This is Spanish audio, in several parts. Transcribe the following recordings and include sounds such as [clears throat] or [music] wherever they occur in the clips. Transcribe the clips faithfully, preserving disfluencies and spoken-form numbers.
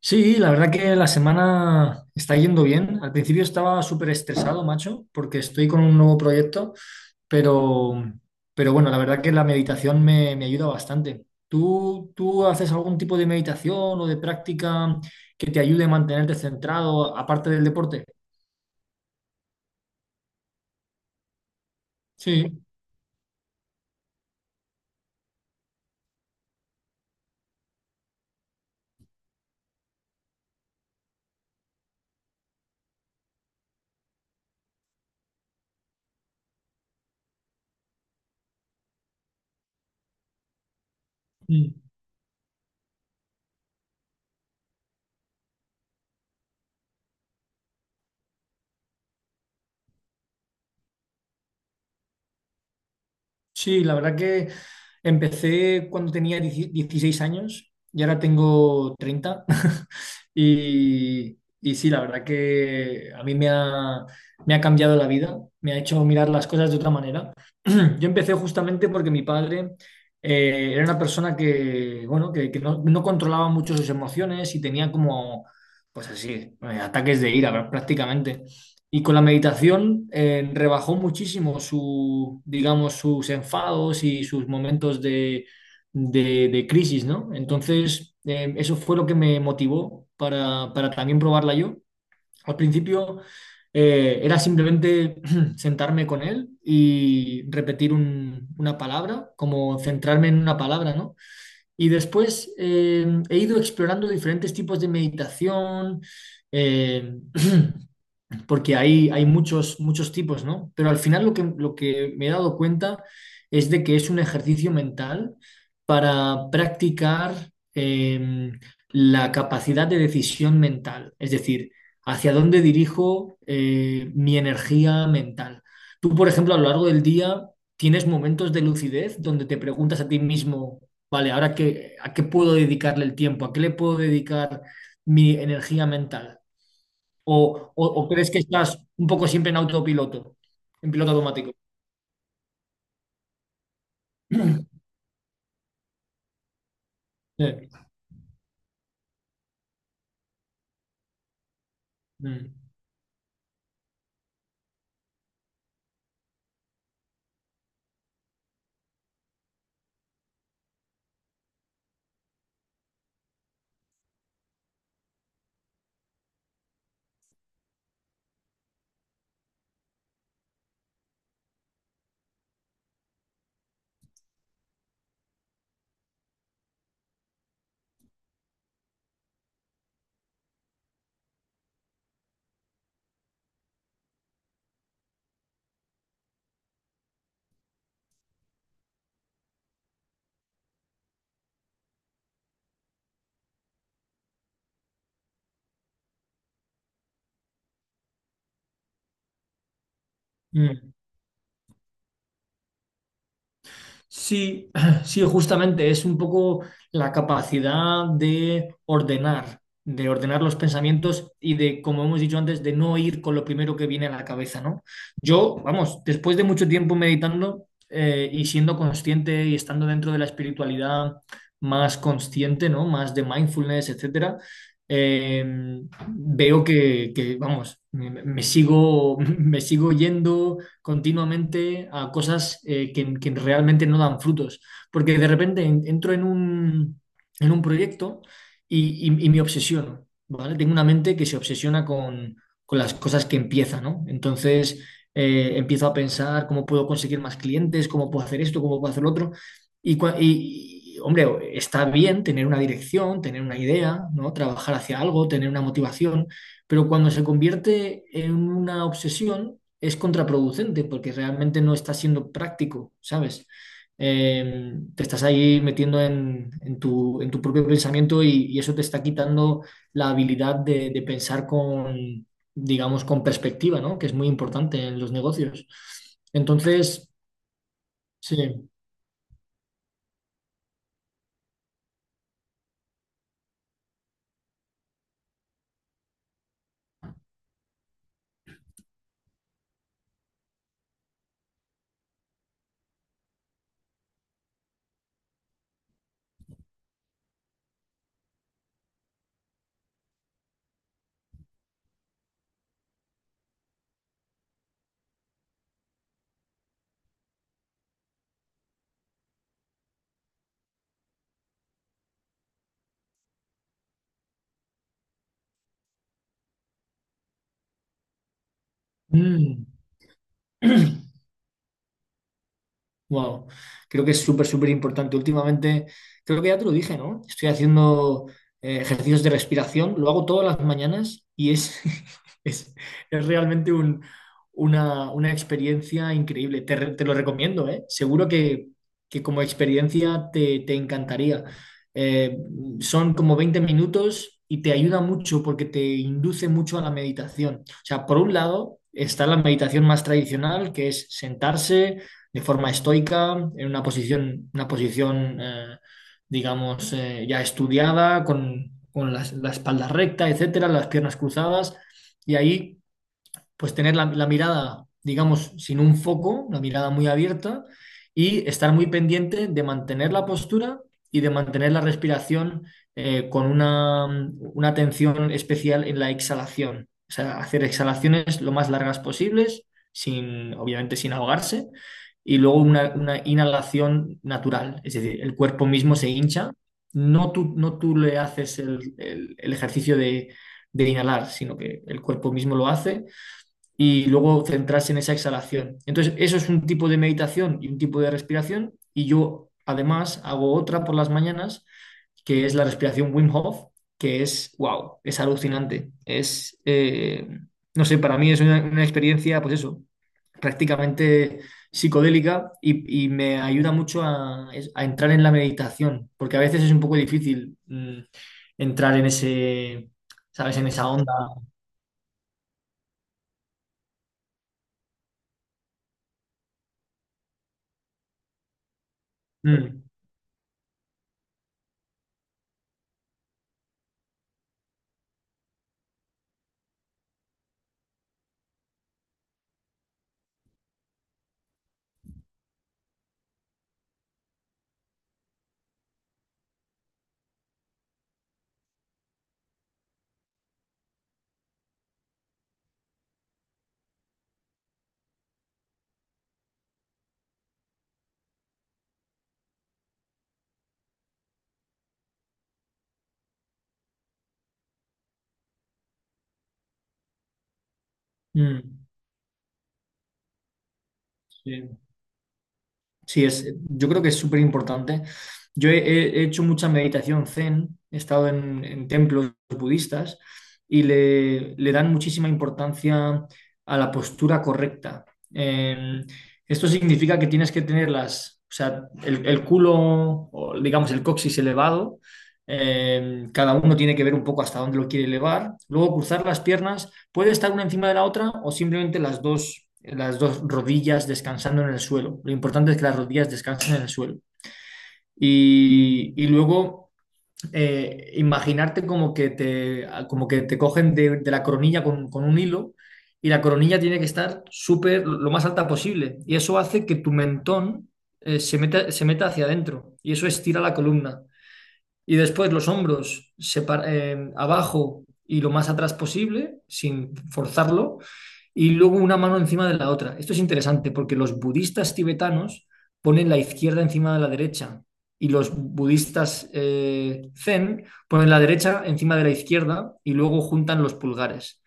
Sí, la verdad que la semana está yendo bien. Al principio estaba súper estresado, macho, porque estoy con un nuevo proyecto, pero, pero bueno, la verdad que la meditación me, me ayuda bastante. ¿Tú, tú haces algún tipo de meditación o de práctica que te ayude a mantenerte centrado, aparte del deporte? Sí. Mm. Sí, la verdad que empecé cuando tenía diez dieciséis años y ahora tengo treinta. [laughs] Y, y sí, la verdad que a mí me ha, me ha cambiado la vida, me ha hecho mirar las cosas de otra manera. [clears throat] Yo empecé justamente porque mi padre eh, era una persona que, bueno, que, que no, no controlaba mucho sus emociones y tenía como, pues así, eh, ataques de ira prácticamente. Y con la meditación eh, rebajó muchísimo su, digamos, sus enfados y sus momentos de, de- de crisis, ¿no? Entonces, eh, eso fue lo que me motivó para, para también probarla yo. Al principio eh, era simplemente [clears throat] sentarme con él y repetir un- una palabra, como centrarme en una palabra, ¿no? Y después eh, he ido explorando diferentes tipos de meditación, eh, [clears throat] porque hay, hay muchos, muchos tipos, ¿no? Pero al final lo que, lo que, me he dado cuenta es de que es un ejercicio mental para practicar, em, la capacidad de decisión mental, es decir, hacia dónde dirijo eh, mi energía mental. Tú, por ejemplo, a lo largo del día tienes momentos de lucidez donde te preguntas a ti mismo, vale, ahora qué, a qué puedo dedicarle el tiempo, a qué le puedo dedicar mi energía mental. ¿O, o- o crees que estás un poco siempre en autopiloto, en piloto automático? [clears throat] Sí. Mm, mm. Sí, [clears throat] sí, justamente es un poco la capacidad de ordenar, de ordenar, los pensamientos y de, como hemos dicho antes, de no ir con lo primero que viene a la cabeza, ¿no? Yo, vamos, después de mucho tiempo meditando eh, y siendo consciente y estando dentro de la espiritualidad más consciente, ¿no? Más de mindfulness, etcétera. eh, Veo que, que, vamos, me me sigo, [laughs] me sigo yendo continuamente a cosas eh, que, que realmente no dan frutos. Porque de repente en- entro en un, en un proyecto y, y- y me obsesiono, ¿vale? Tengo una mente que se obsesiona con, con las cosas que empieza, ¿no? Entonces, eh, empiezo a pensar cómo puedo conseguir más clientes, cómo puedo hacer esto, cómo puedo hacer lo otro. Y, cua- y- y, hombre, está bien tener una dirección, tener una idea, ¿no? Trabajar hacia algo, tener una motivación, pero cuando se convierte en una obsesión, es contraproducente porque realmente no estás siendo práctico, ¿sabes? Eh, te estás ahí metiendo en, en tu, en tu propio pensamiento y, y eso te está quitando la habilidad de, de pensar con, digamos, con perspectiva, ¿no? Que es muy importante en los negocios. Entonces, sí. Mm. [clears throat] Wow, creo que es súper, súper importante. Últimamente, creo que ya te lo dije, ¿no? Estoy haciendo eh, ejercicios de respiración, lo hago todas las mañanas y es, [laughs] es, es realmente un- una, una experiencia increíble. Te, re- te lo recomiendo, ¿eh? Seguro que, que como experiencia te, te encantaría. Eh, Son como veinte minutos y te ayuda mucho porque te induce mucho a la meditación. O sea, por un lado está la meditación más tradicional, que es sentarse de forma estoica, en una posición, una posición, eh, digamos, eh, ya estudiada, con, con las- la espalda recta, etcétera, las piernas cruzadas, y ahí pues tener la, la mirada, digamos, sin un foco, la mirada muy abierta y estar muy pendiente de mantener la postura y de mantener la respiración, eh, con una, una atención especial en la exhalación. O sea, hacer exhalaciones lo más largas posibles, sin, obviamente sin ahogarse, y luego una, una inhalación natural, es decir, el cuerpo mismo se hincha. No tú, no tú le haces el, el- el ejercicio de, de inhalar, sino que el cuerpo mismo lo hace y luego centrarse en esa exhalación. Entonces, eso es un tipo de meditación y un tipo de respiración, y yo además hago otra por las mañanas, que es la respiración Wim Hof, que es, wow, es alucinante. Es, eh, no sé, para mí es una, una experiencia, pues eso, prácticamente psicodélica, y, y me ayuda mucho a, a entrar en la meditación, porque a veces es un poco difícil mm, entrar en ese, ¿sabes? En esa onda. Mm, mm, sí. Sí, es, yo creo que es súper importante. Yo he, he hecho mucha meditación zen, he estado en, en templos budistas y le, le dan muchísima importancia a la postura correcta. Eh, Esto significa que tienes que tener las, o sea, el, el culo, o digamos, el coxis elevado. Eh, cada uno tiene que ver un poco hasta dónde lo quiere elevar. Luego cruzar las piernas. Puede estar una encima de la otra, o simplemente las dos, las dos rodillas descansando en el suelo. Lo importante es que las rodillas descansen en el suelo. Y, y luego eh, imaginarte como que te, como que te cogen de, de la coronilla con, con un hilo, y la coronilla tiene que estar súper, lo más alta posible. Y eso hace que tu mentón, eh, se meta, se meta, hacia adentro, y eso estira la columna. Y después los hombros separ- eh, abajo y lo más atrás posible, sin forzarlo, y luego una mano encima de la otra. Esto es interesante porque los budistas tibetanos ponen la izquierda encima de la derecha, y los budistas eh, zen ponen la derecha encima de la izquierda, y luego juntan los pulgares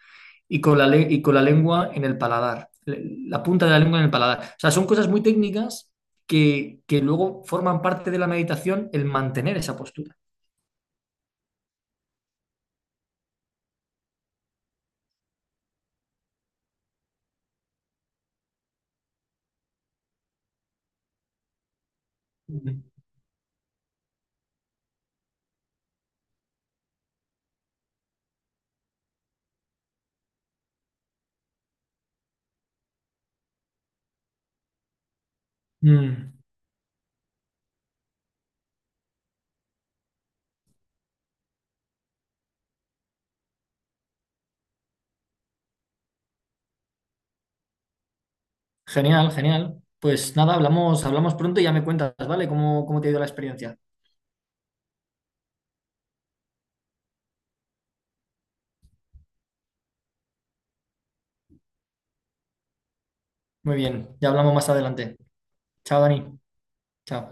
y con la, le- y con la lengua en el paladar, le- la punta de la lengua en el paladar. O sea, son cosas muy técnicas que, que luego forman parte de la meditación el mantener esa postura. Mm, mm. Genial, genial. Pues nada, hablamos, hablamos pronto y ya me cuentas, ¿vale? ¿Cómo, cómo te ha ido la experiencia? Muy bien, ya hablamos más adelante. Chao, Dani. Chao.